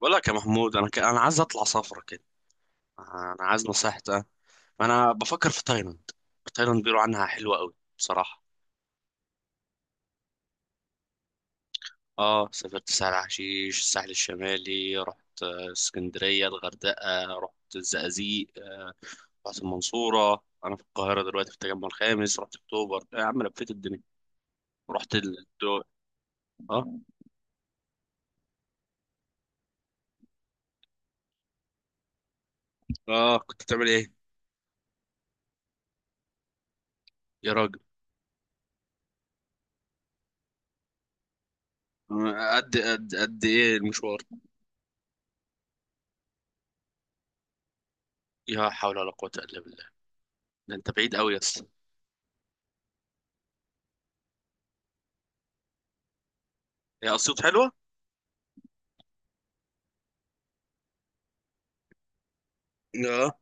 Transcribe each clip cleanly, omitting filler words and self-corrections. بقول لك يا محمود، انا عايز اطلع سفره كده. انا عايز نصيحتك. انا بفكر في تايلاند. تايلاند بيقولوا عنها حلوه قوي بصراحه. اه، سافرت سهل حشيش، الساحل الشمالي، رحت اسكندريه، الغردقه، رحت الزقازيق، رحت المنصوره. انا في القاهره دلوقتي في التجمع الخامس، رحت اكتوبر. إيه يا عم، لفيت الدنيا، رحت الدول. اه. اه، كنت بتعمل ايه؟ يا راجل. قد ايه المشوار؟ يا حول ولا قوه الا بالله، ده انت بعيد قوي يا اسطى. هي اسيوط حلوه؟ اه.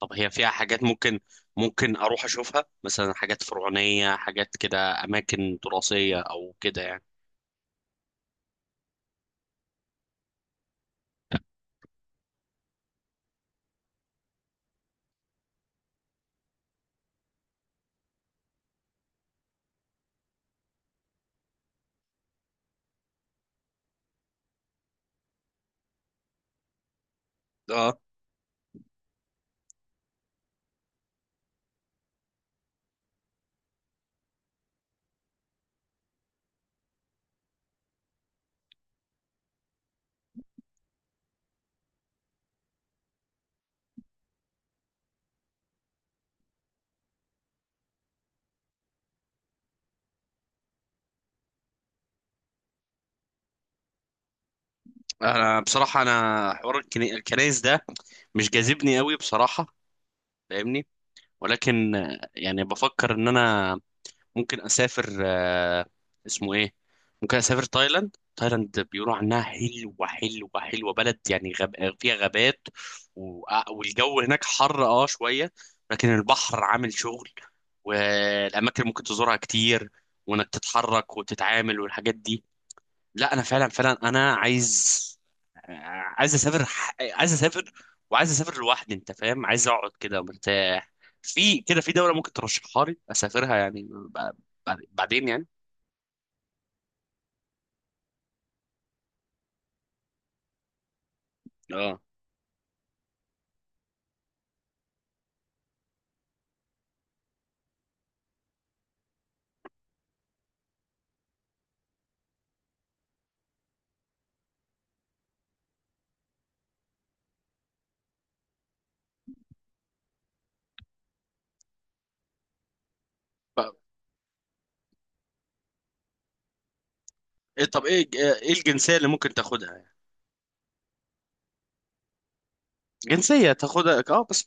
طب هي فيها حاجات، ممكن اروح اشوفها مثلا، حاجات فرعونية، حاجات كده، اماكن تراثية او كده يعني؟ اه. انا بصراحة، انا حوار الكنايس ده مش جاذبني قوي بصراحة، فاهمني؟ ولكن يعني بفكر ان انا ممكن اسافر، اسمه ايه، ممكن اسافر تايلاند. تايلاند بيقولوا عنها حلوه حلوه حلوه. بلد يعني فيها غابات و... آه، والجو هناك حر شويه، لكن البحر عامل شغل، والاماكن اللي ممكن تزورها كتير، وانك تتحرك وتتعامل والحاجات دي. لا، انا فعلا فعلا انا عايز اسافر، عايز اسافر، وعايز اسافر لوحدي. انت فاهم، عايز اقعد كده مرتاح. في كده، في دولة ممكن ترشحها لي اسافرها يعني بعدين يعني؟ اه. ب- إيه، طب ايه الجنسية اللي ممكن تاخدها يعني؟ جنسية تاخدها، اه، بس.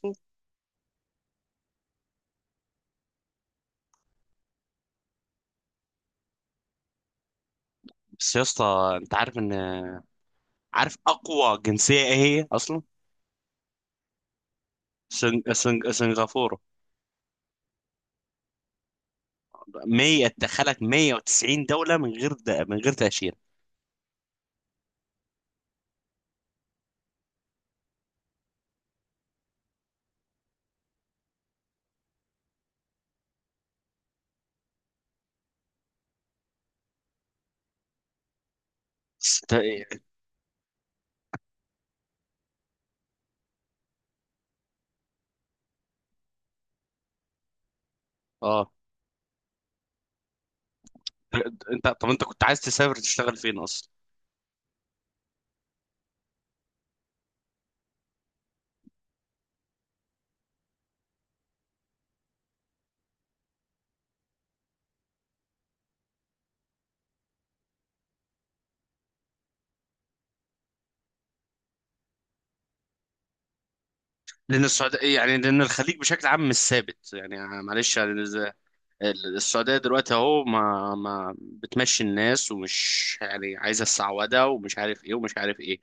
بس يا اسطى، انت عارف ان، عارف اقوى جنسية ايه هي اصلا؟ سنغافورة. 100 تدخلك 190 دولة من غير من غير تأشيرة. ت- اه. انت، طب انت كنت عايز تسافر تشتغل فين اصلا؟ لان السعوديه إيه يعني، لان الخليج بشكل عام مش ثابت يعني. معلش يعني، السعوديه دلوقتي اهو، ما بتمشي الناس، ومش يعني عايزه السعوده، ومش عارف ايه ومش عارف ايه.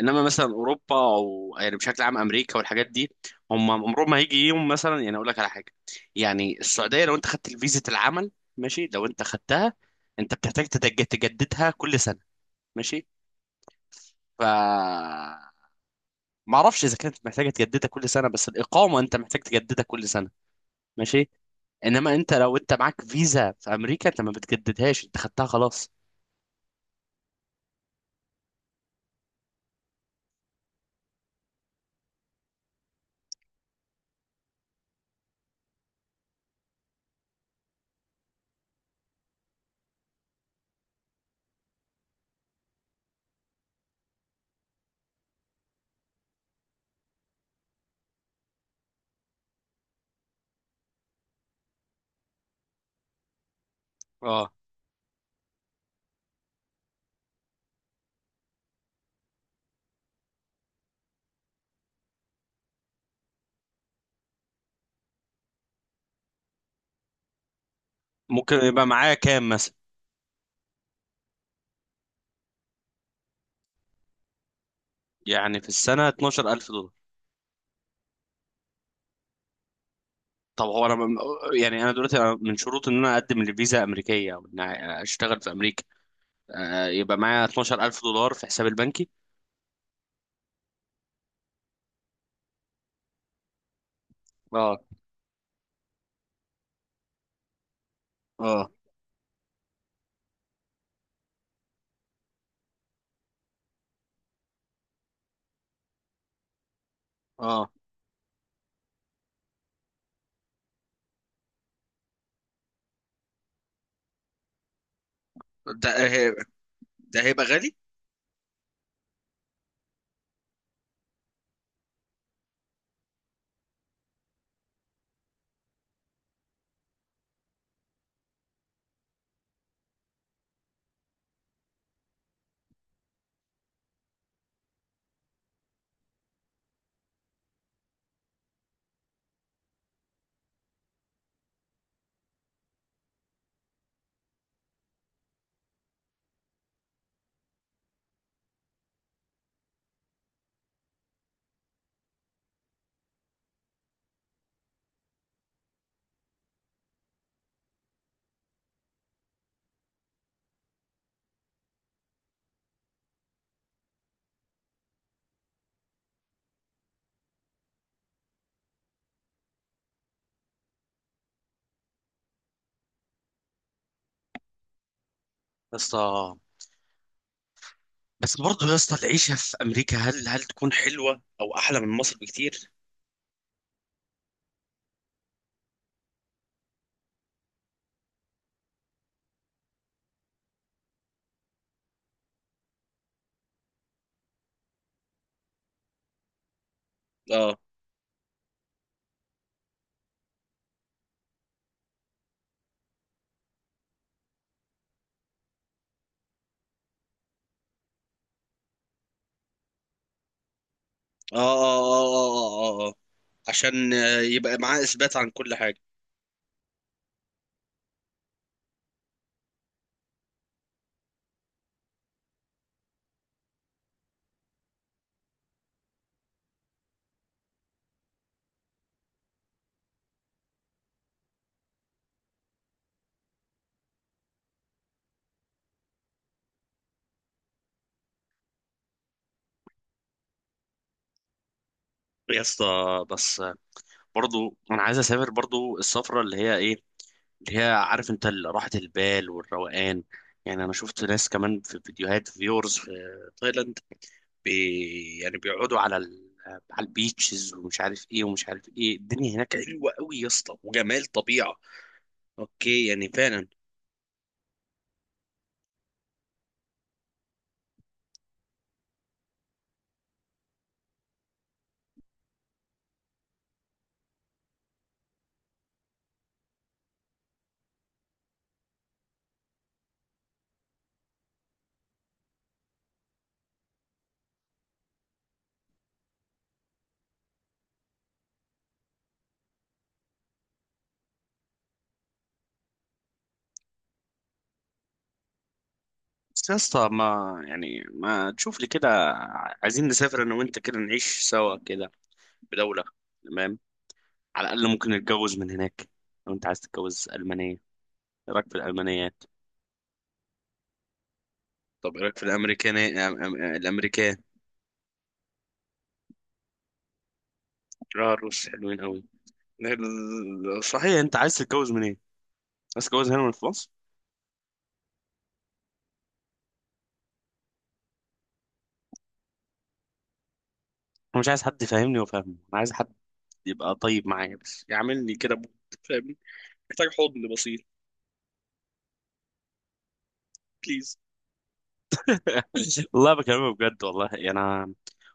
انما مثلا اوروبا، او يعني بشكل عام امريكا والحاجات دي، هم عمرهم ما هيجي يوم. مثلا يعني اقول لك على حاجه، يعني السعوديه لو انت خدت فيزه العمل، ماشي، لو انت خدتها انت بتحتاج تجددها كل سنه، ماشي. ف ما اعرفش اذا كانت محتاجه تجددها كل سنه، بس الاقامه انت محتاج تجددها كل سنه، ماشي. انما انت، لو انت معاك فيزا في امريكا، انت ما بتجددهاش، انت خدتها خلاص. اه. ممكن يبقى معايا كام مثلا؟ يعني في السنه 12000 دولار؟ طب هو انا يعني، انا دلوقتي أنا من شروط ان انا اقدم لفيزا امريكيه، او ان اشتغل في امريكا، آه، يبقى معايا 12000 دولار في حسابي البنكي؟ اه. اه. اه. ده هي- ده هيبقى غالي يا اسطى. بس برضه يا اسطى، العيشه في امريكا هل تكون حلوه او احلى من مصر بكتير؟ اه. اه. اه. اه. اه، آه. عشان يبقى معاه اثبات عن كل حاجه. يا اسطى، بس برضه انا عايز اسافر، برضه السفره اللي هي ايه، اللي هي عارف انت، راحه البال والروقان. يعني انا شفت ناس كمان في فيديوهات فيورز في تايلاند، يعني بيقعدوا على البيتشز، ومش عارف ايه ومش عارف ايه. الدنيا هناك حلوه قوي يا اسطى، وجمال طبيعه، اوكي يعني فعلا. بس يا اسطى، ما يعني ما تشوف لي كده؟ عايزين نسافر انا وانت كده، نعيش سوا كده بدولة، تمام. على الاقل ممكن نتجوز من هناك. لو انت عايز تتجوز المانية، ايه رايك في الالمانيات؟ طب ايه رايك في الامريكان؟ الامريكان. اه، الروس حلوين قوي. صحيح، انت عايز تتجوز من ايه؟ عايز تتجوز هنا من في مصر؟ انا مش عايز حد يفهمني وفاهمه. انا عايز حد يبقى طيب معايا، بس يعمل لي كده بوت، فاهمني؟ محتاج حضن بسيط، بليز. والله بكلمك بجد والله، يعني انا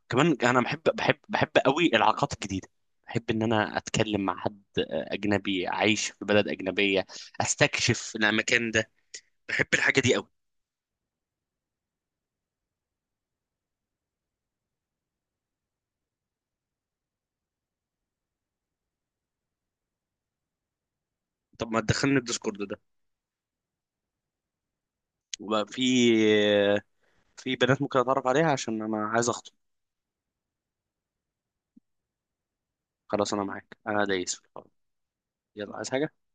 كمان انا بحب بحب بحب قوي العلاقات الجديده، بحب ان انا اتكلم مع حد اجنبي، اعيش في بلد اجنبيه، استكشف المكان ده. بحب الحاجه دي قوي. طب ما تدخلني الديسكورد ده؟ وبقى في بنات ممكن اتعرف عليها عشان انا عايز اخطب. خلاص، انا معاك انا دايس في الحوار. يلا، عايز حاجه؟